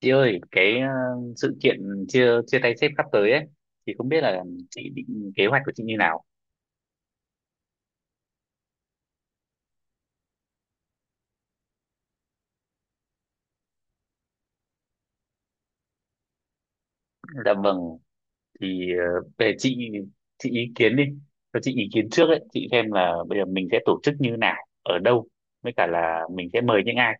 Chị ơi, cái sự kiện chia chia tay sếp sắp tới ấy thì không biết là chị định kế hoạch của chị như nào. Dạ vâng, thì về chị ý kiến đi. Cho chị ý kiến trước ấy, chị xem là bây giờ mình sẽ tổ chức như nào, ở đâu, với cả là mình sẽ mời những ai.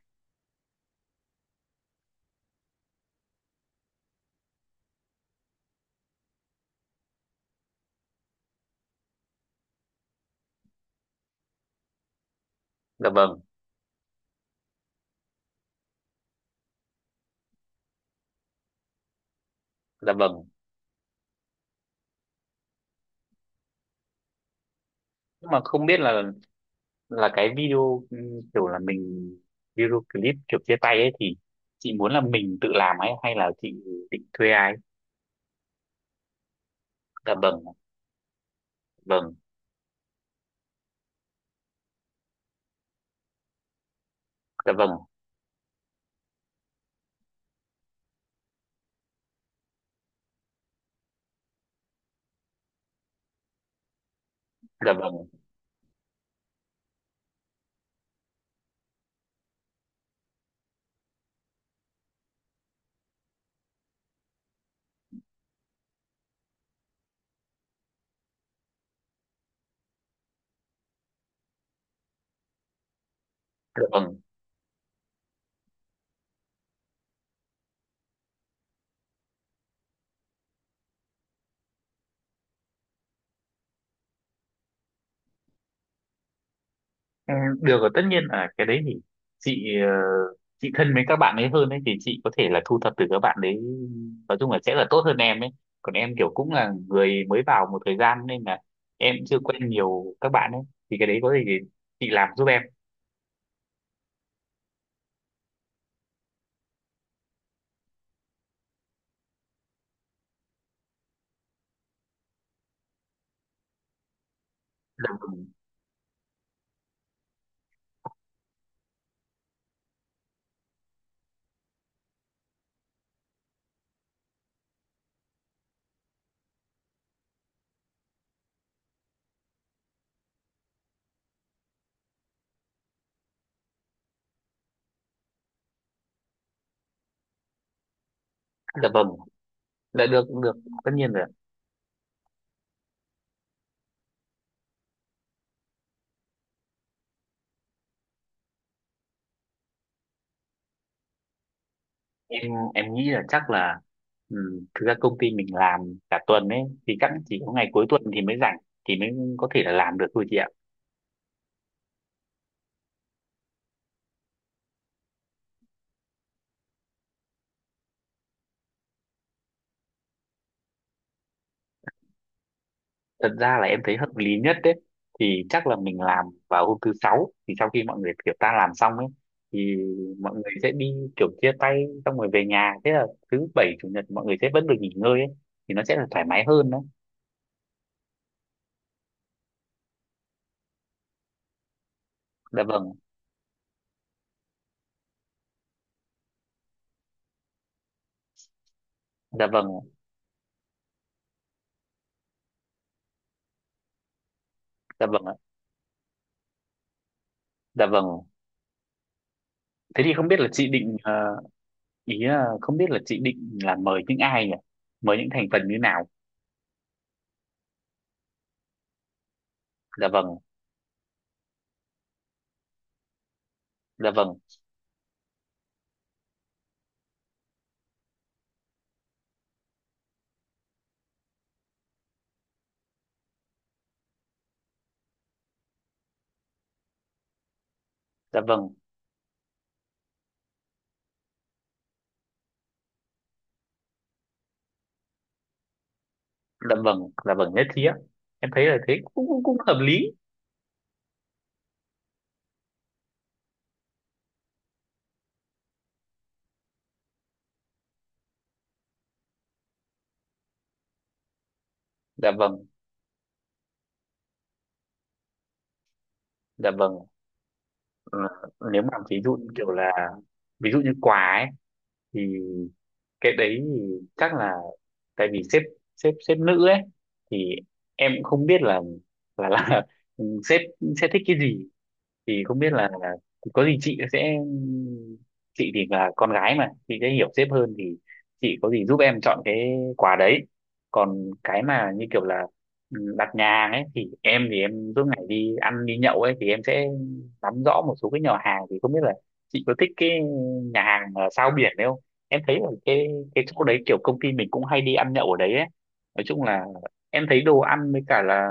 Dạ vâng, dạ vâng. Nhưng mà không biết là cái video kiểu là mình video clip kiểu chia tay ấy thì chị muốn là mình tự làm ấy hay là chị định thuê ai? Dạ vâng, vâng, dạ vâng, dạ vâng, dạ vâng. Ừ, được rồi tất nhiên là cái đấy thì chị ờ, chị thân với các bạn ấy hơn ấy thì chị có thể là thu thập từ các bạn đấy, nói chung là sẽ là tốt hơn em ấy, còn em kiểu cũng là người mới vào một thời gian nên là em chưa quen nhiều các bạn ấy, thì cái đấy có gì thì chị làm giúp em. Dạ vâng là được cũng được, tất nhiên rồi, em nghĩ là chắc là ừ, thực ra công ty mình làm cả tuần ấy thì chắc chỉ có ngày cuối tuần thì mới rảnh, thì mới có thể là làm được thôi chị ạ. Thật ra là em thấy hợp lý nhất đấy, thì chắc là mình làm vào hôm thứ sáu thì sau khi mọi người kiểu ta làm xong ấy thì mọi người sẽ đi kiểu chia tay xong rồi về nhà, thế là thứ bảy chủ nhật mọi người sẽ vẫn được nghỉ ngơi ấy thì nó sẽ là thoải mái hơn đấy. Dạ vâng, dạ vâng, dạ vâng ạ. Dạ vâng, thế thì không biết là ý là không biết là chị định là mời những ai nhỉ, mời những thành phần như nào? Dạ vâng, dạ vâng, dạ vâng, dạ vâng, dạ vâng nhất trí ạ. Em thấy là thế cũng cũng, cũng hợp lý. Dạ vâng, dạ vâng. Ờ, nếu mà ví dụ như kiểu là, ví dụ như quà ấy thì cái đấy thì chắc là tại vì sếp sếp sếp nữ ấy thì em cũng không biết là sếp sẽ thích cái gì, thì không biết là có gì chị thì là con gái mà chị sẽ hiểu sếp hơn thì chị có gì giúp em chọn cái quà đấy. Còn cái mà như kiểu là đặt nhà hàng ấy thì em suốt ngày đi ăn đi nhậu ấy thì em sẽ nắm rõ một số cái nhà hàng, thì không biết là chị có thích cái nhà hàng ở Sao Biển đấy không, em thấy ở cái chỗ đấy kiểu công ty mình cũng hay đi ăn nhậu ở đấy ấy, nói chung là em thấy đồ ăn với cả là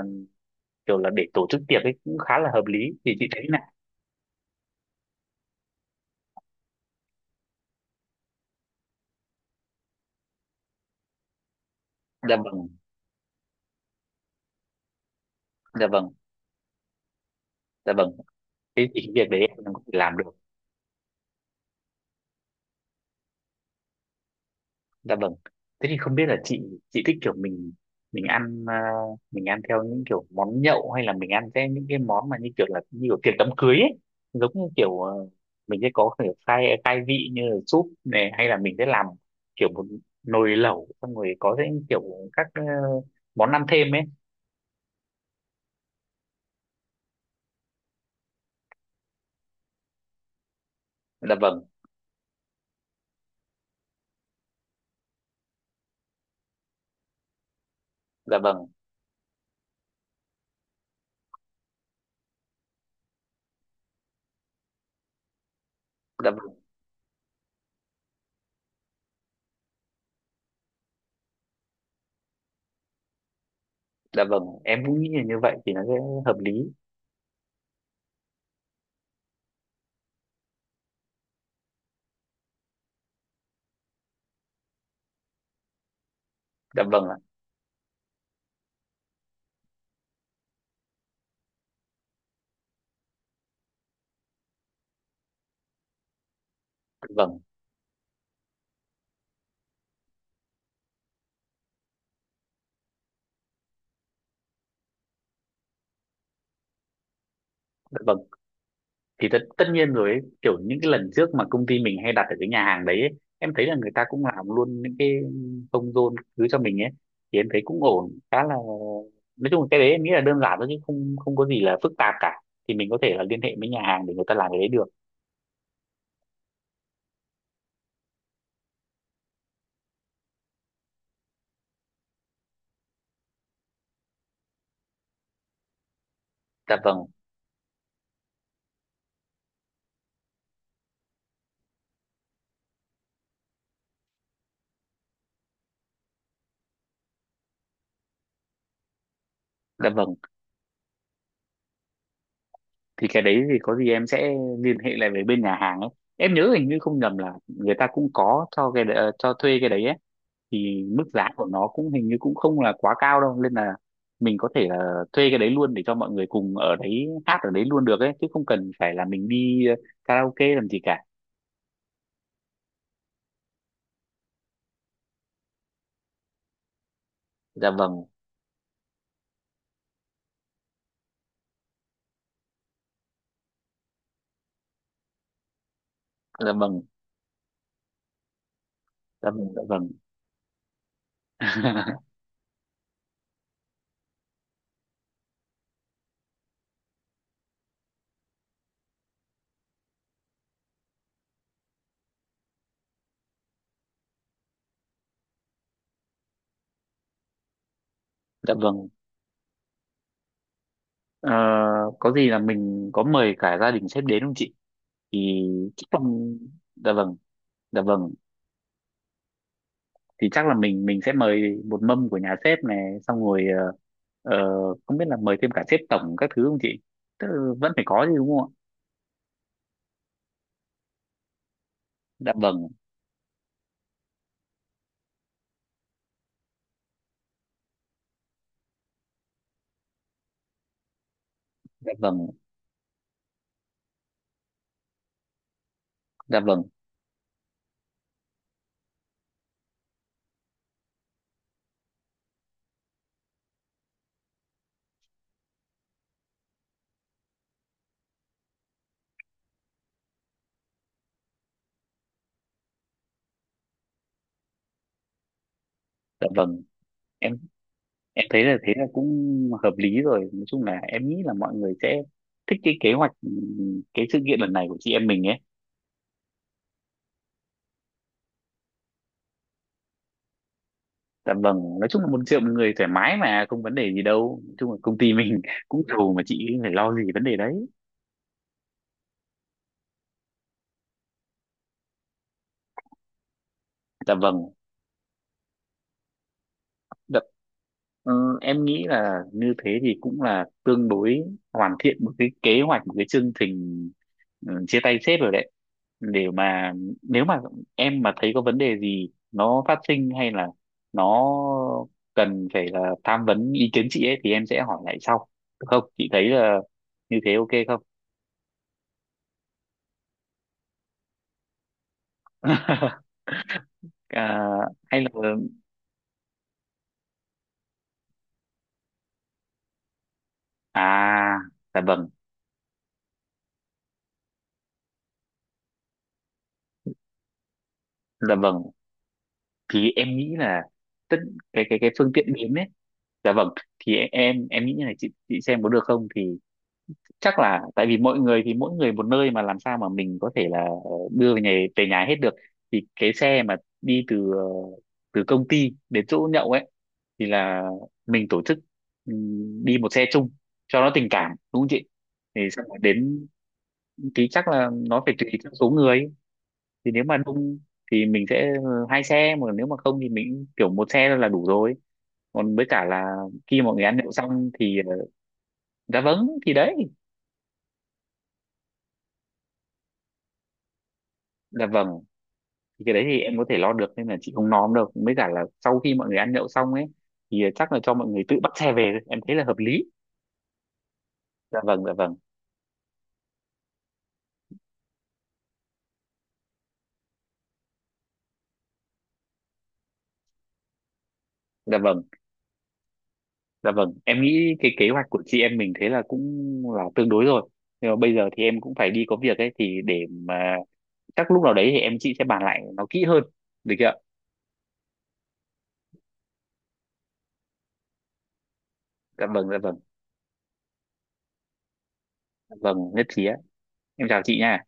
kiểu là để tổ chức tiệc ấy cũng khá là hợp lý, thì chị thấy? Dạ vâng, dạ vâng, dạ vâng, thế thì cái việc đấy em có thể làm được. Dạ vâng, thế thì không biết là chị thích kiểu mình ăn ờ, mình ăn theo những kiểu món nhậu hay là mình ăn theo những cái món mà như kiểu là như kiểu tiệc đám cưới ấy, giống như kiểu mình sẽ có kiểu khai khai vị như là súp này, hay là mình sẽ làm kiểu một nồi lẩu xong rồi có những kiểu các món ăn thêm ấy. Dạ vâng, dạ vâng, dạ vâng, dạ vâng, em cũng nghĩ là như vậy thì nó sẽ hợp lý. Dạ vâng ạ, dạ vâng, dạ vâng thì tất nhiên rồi ấy, kiểu những cái lần trước mà công ty mình hay đặt ở cái nhà hàng đấy ấy, em thấy là người ta cũng làm luôn những cái thông rôn cứ cho mình ấy, thì em thấy cũng ổn khá là, nói chung là cái đấy em nghĩ là đơn giản thôi chứ không không có gì là phức tạp cả, thì mình có thể là liên hệ với nhà hàng để người ta làm cái đấy được. Dạ vâng, dạ vâng, thì cái đấy thì có gì em sẽ liên hệ lại với bên nhà hàng ấy, em nhớ hình như không nhầm là người ta cũng có cho thuê cái đấy ấy, thì mức giá của nó cũng hình như cũng không là quá cao đâu nên là mình có thể là thuê cái đấy luôn để cho mọi người cùng ở đấy hát ở đấy luôn được ấy chứ không cần phải là mình đi karaoke làm gì cả. Dạ vâng, dạ vâng, dạ vâng, dạ vâng, dạ vâng. Ờ, có gì là mình có mời cả gia đình sếp đến không chị, thì chắc là, dạ vâng, dạ vâng, thì chắc là mình sẽ mời một mâm của nhà sếp này xong rồi ờ, không biết là mời thêm cả sếp tổng các thứ không chị? Tức là vẫn phải có chứ đúng không ạ? Dạ vâng, dạ vâng, dạ vâng, dạ vâng, em em thấy là thế là cũng hợp lý rồi, nói chung là em nghĩ là mọi người sẽ thích cái kế hoạch, cái sự kiện lần này của chị em mình ấy. Dạ vâng, nói chung là một triệu một người thoải mái mà không vấn đề gì đâu, nói chung là công ty mình cũng giàu mà chị phải lo gì vấn đề đấy. Dạ vâng. Đ- Ờ, em nghĩ là như thế thì cũng là tương đối hoàn thiện một cái kế hoạch, một cái chương trình chia tay sếp rồi đấy, để mà nếu mà em mà thấy có vấn đề gì nó phát sinh hay là nó cần phải là tham vấn ý kiến chị ấy thì em sẽ hỏi lại sau, được không chị, thấy là như thế ok không? À, hay là à, dạ vâng, dạ vâng, thì em nghĩ là tất cái phương tiện biến ấy. Dạ vâng, thì em nghĩ như này chị xem có được không, thì chắc là tại vì mỗi người thì mỗi người một nơi mà làm sao mà mình có thể là đưa về nhà, về nhà hết được, thì cái xe mà đi từ công ty đến chỗ nhậu ấy thì là mình tổ chức, đi một xe chung cho nó tình cảm đúng không chị? Thì xong rồi đến, thì chắc là nó phải tùy theo số người, thì nếu mà đông thì mình sẽ hai xe mà nếu mà không thì mình kiểu một xe là đủ rồi, còn với cả là khi mọi người ăn nhậu xong thì, dạ vâng, thì đấy là vâng, thì cái đấy thì em có thể lo được nên là chị không nom đâu mới cả là sau khi mọi người ăn nhậu xong ấy thì chắc là cho mọi người tự bắt xe về thôi. Em thấy là hợp lý. Dạ vâng, dạ vâng, dạ vâng, dạ vâng, em nghĩ cái kế hoạch của chị em mình thế là cũng là tương đối rồi. Nhưng mà bây giờ thì em cũng phải đi có việc ấy thì để mà chắc lúc nào đấy thì chị sẽ bàn lại nó kỹ hơn, được chưa ạ? Dạ vâng, dạ vâng, dạ vâng, nhất trí ạ. Em chào chị nha.